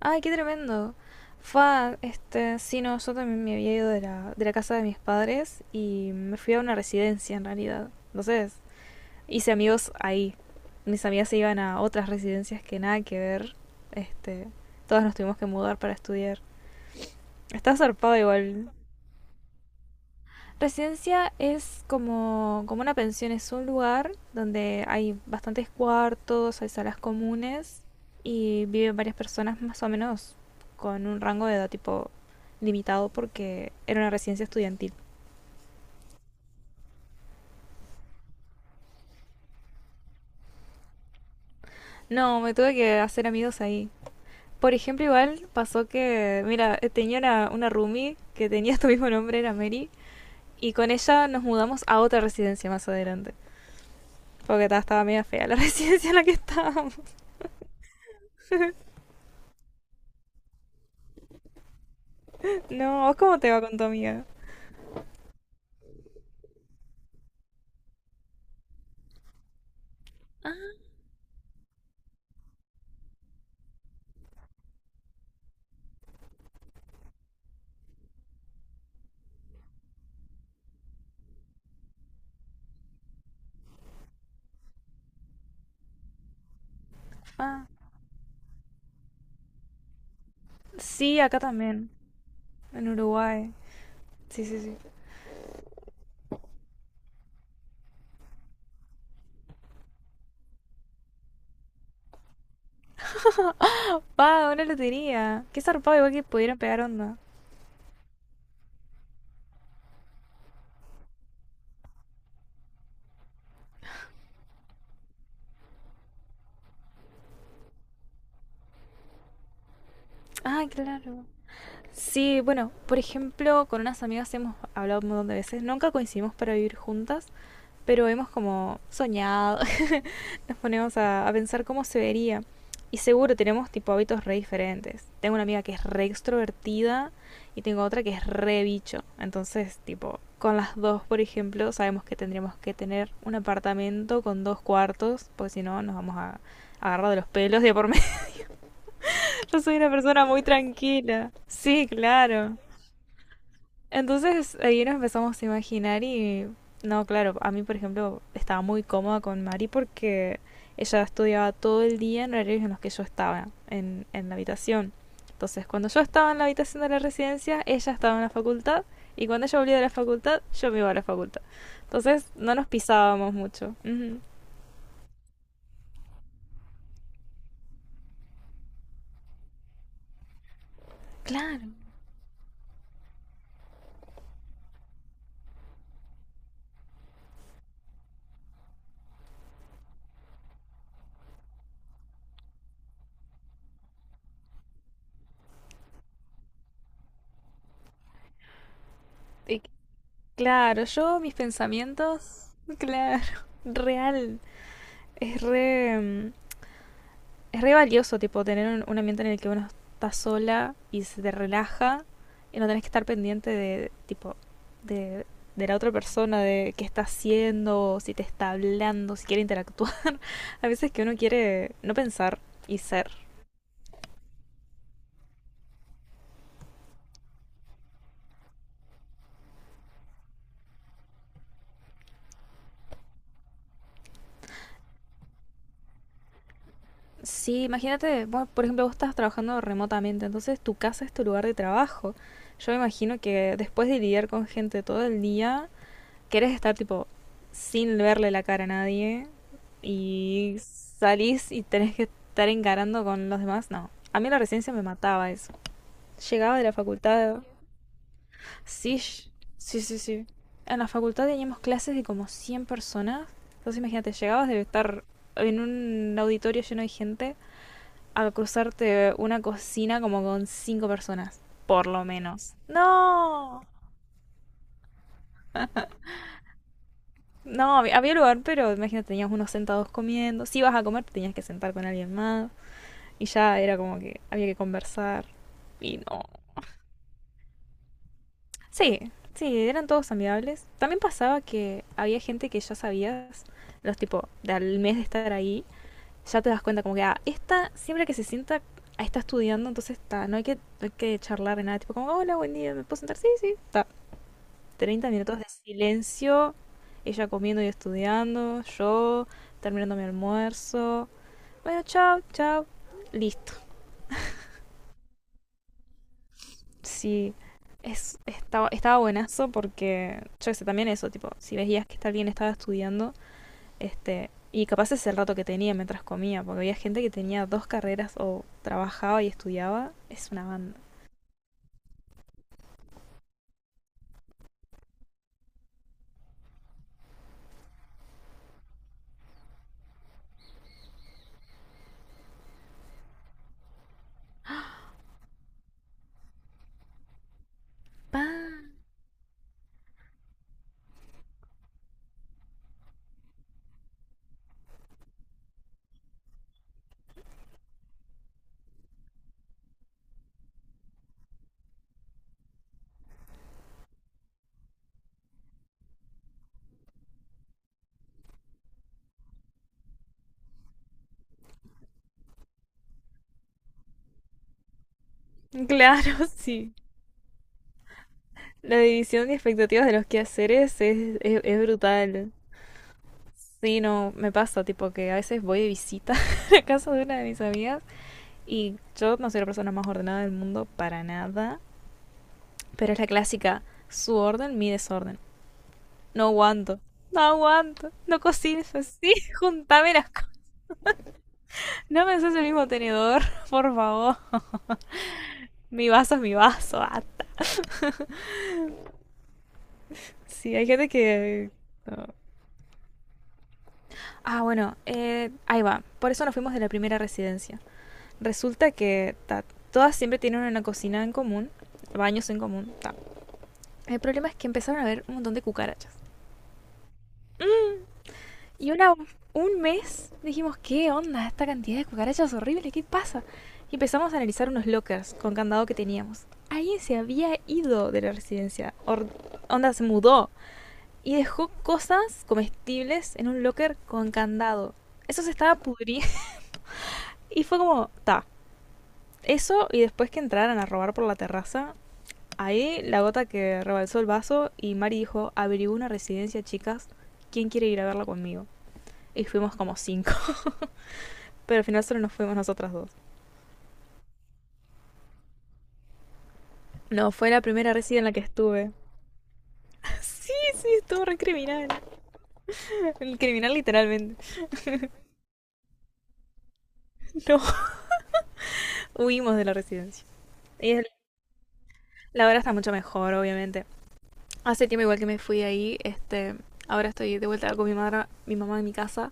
Ay, qué tremendo. Fue, sí, no, yo también me había ido de la casa de mis padres y me fui a una residencia en realidad. Entonces, hice amigos ahí. Mis amigas se iban a otras residencias que nada que ver. Este, todas nos tuvimos que mudar para estudiar. Está zarpado igual. Residencia es como una pensión, es un lugar donde hay bastantes cuartos, hay salas comunes y viven varias personas más o menos con un rango de edad tipo limitado porque era una residencia estudiantil. No, me tuve que hacer amigos ahí. Por ejemplo, igual pasó que, mira, tenía una roomie que tenía tu mismo nombre, era Mary, y con ella nos mudamos a otra residencia más adelante. Porque estaba media fea la residencia en la que estábamos. No, ¿vos cómo te va con tu amiga? Ah, ah. Sí, acá también, en Uruguay. Sí, sí, sí. Pa, una lotería. Qué zarpado, igual que pudieron pegar onda. Ah, claro. Sí, bueno, por ejemplo, con unas amigas hemos hablado un montón de veces. Nunca coincidimos para vivir juntas, pero hemos como soñado. Nos ponemos a pensar cómo se vería. Y seguro tenemos tipo hábitos re diferentes. Tengo una amiga que es re extrovertida y tengo otra que es re bicho. Entonces, tipo, con las dos, por ejemplo, sabemos que tendríamos que tener un apartamento con dos cuartos, porque si no nos vamos a agarrar de los pelos de por medio. Yo soy una persona muy tranquila. Sí, claro. Entonces ahí nos empezamos a imaginar y no, claro, a mí por ejemplo estaba muy cómoda con Mari porque ella estudiaba todo el día en horarios en los que yo estaba en la habitación. Entonces cuando yo estaba en la habitación de la residencia, ella estaba en la facultad y cuando ella volvía de la facultad, yo me iba a la facultad. Entonces no nos pisábamos mucho. Ujú. Claro, y- claro, yo mis pensamientos, claro, real, es re... mm, es re valioso, tipo, tener un ambiente en el que uno está sola y se te relaja y no tenés que estar pendiente de, tipo, de, de la otra persona, de qué está haciendo, si te está hablando, si quiere interactuar. A veces que uno quiere no pensar y ser. Sí, imagínate, bueno por ejemplo, vos estás trabajando remotamente, entonces tu casa es tu lugar de trabajo. Yo me imagino que después de lidiar con gente todo el día, querés estar tipo sin verle la cara a nadie y salís y tenés que estar encarando con los demás, no. A mí la residencia me mataba eso. Llegaba de la facultad. Sí, sí, sí, sí. En la facultad teníamos clases de como 100 personas. Entonces imagínate, llegabas de estar en un auditorio lleno de gente a cruzarte una cocina como con 5 personas, por lo menos. No. No, había lugar, pero imagínate, teníamos unos sentados comiendo. Si ibas a comer, te tenías que sentar con alguien más. Y ya era como que había que conversar. Y no. Sí, sí, eran todos amigables. También pasaba que había gente que ya sabías, los tipo, de al mes de estar ahí, ya te das cuenta como que, ah, esta siempre que se sienta, ah, está estudiando, entonces está, no hay que charlar de nada. Tipo, como, hola, buen día, ¿me puedo sentar? Sí, sí, está. 30 minutos de silencio, ella comiendo y estudiando, yo terminando mi almuerzo. Bueno, chao, chao. Listo. Sí, estaba buenazo porque, yo qué sé, también eso, tipo, si veías que alguien estaba estudiando, y capaz es el rato que tenía mientras comía, porque había gente que tenía dos carreras o trabajaba y estudiaba, es una banda. ¡Pah! Claro, sí. La división de expectativas de los quehaceres es brutal. Sí, no, me pasa, tipo que a veces voy de visita a la casa de una de mis amigas y yo no soy la persona más ordenada del mundo para nada, pero es la clásica, su orden, mi desorden. No aguanto, no aguanto, no cocines así, juntame las cosas. No me haces el mismo tenedor, por favor. Mi vaso es mi vaso, hasta. Sí, hay gente que... no. Ah, bueno, ahí va. Por eso nos fuimos de la primera residencia. Resulta que ta, todas siempre tienen una cocina en común, baños en común, ta, el problema es que empezaron a haber un montón de cucarachas. Y un mes dijimos, ¿qué onda? Esta cantidad de cucarachas horrible, ¿qué pasa? Y empezamos a analizar unos lockers con candado que teníamos. Alguien se había ido de la residencia. Onda, se mudó. Y dejó cosas comestibles en un locker con candado. Eso se estaba pudriendo. Y fue como, ta. Eso y después que entraran a robar por la terraza. Ahí la gota que rebalsó el vaso y Mari dijo, averiguó una residencia, chicas. ¿Quién quiere ir a verla conmigo? Y fuimos como cinco. Pero al final solo nos fuimos nosotras dos. No, fue la primera residencia en la que estuve. Sí, sí, estuvo re criminal. El criminal literalmente. No, huimos de la residencia. Y la hora está mucho mejor, obviamente. Hace tiempo igual que me fui ahí, ahora estoy de vuelta con mi madre, mi mamá en mi casa,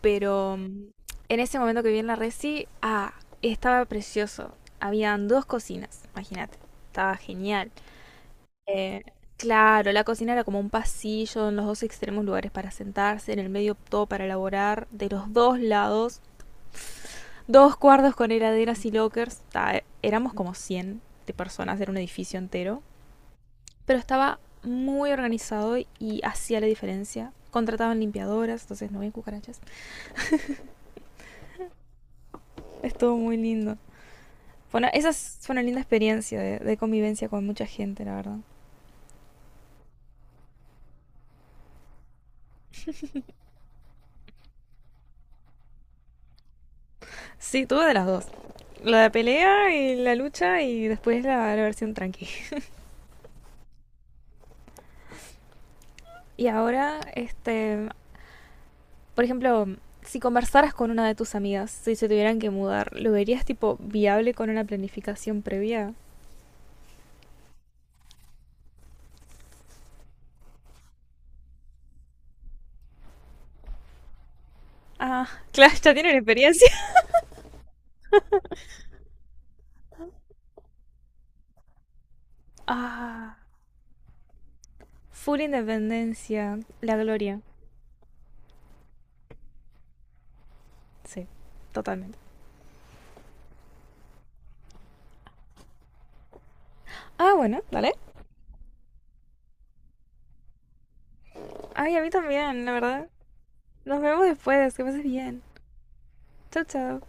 pero en ese momento que viví en la resi, ah, estaba precioso. Habían dos cocinas, imagínate. Estaba genial. Eh, claro, la cocina era como un pasillo, en los dos extremos lugares para sentarse, en el medio todo para elaborar, de los dos lados, dos cuartos con heladeras y lockers. Ta, éramos como 100 de personas, era un edificio entero, pero estaba muy organizado y hacía la diferencia. Contrataban limpiadoras, entonces no había cucarachas. Estuvo muy lindo. Bueno, fue una linda experiencia de convivencia con mucha gente, la verdad. Sí, tuve de las dos. La de pelea y la lucha y después la versión tranqui. Y ahora, por ejemplo, si conversaras con una de tus amigas, si se tuvieran que mudar, ¿lo verías tipo viable con una planificación previa? Ah, claro, ya tienen experiencia. Ah, full independencia, la gloria. Sí, totalmente. Ah, bueno, dale. Ay, a mí también, la verdad. Nos vemos después, que pases bien. Chao, chao.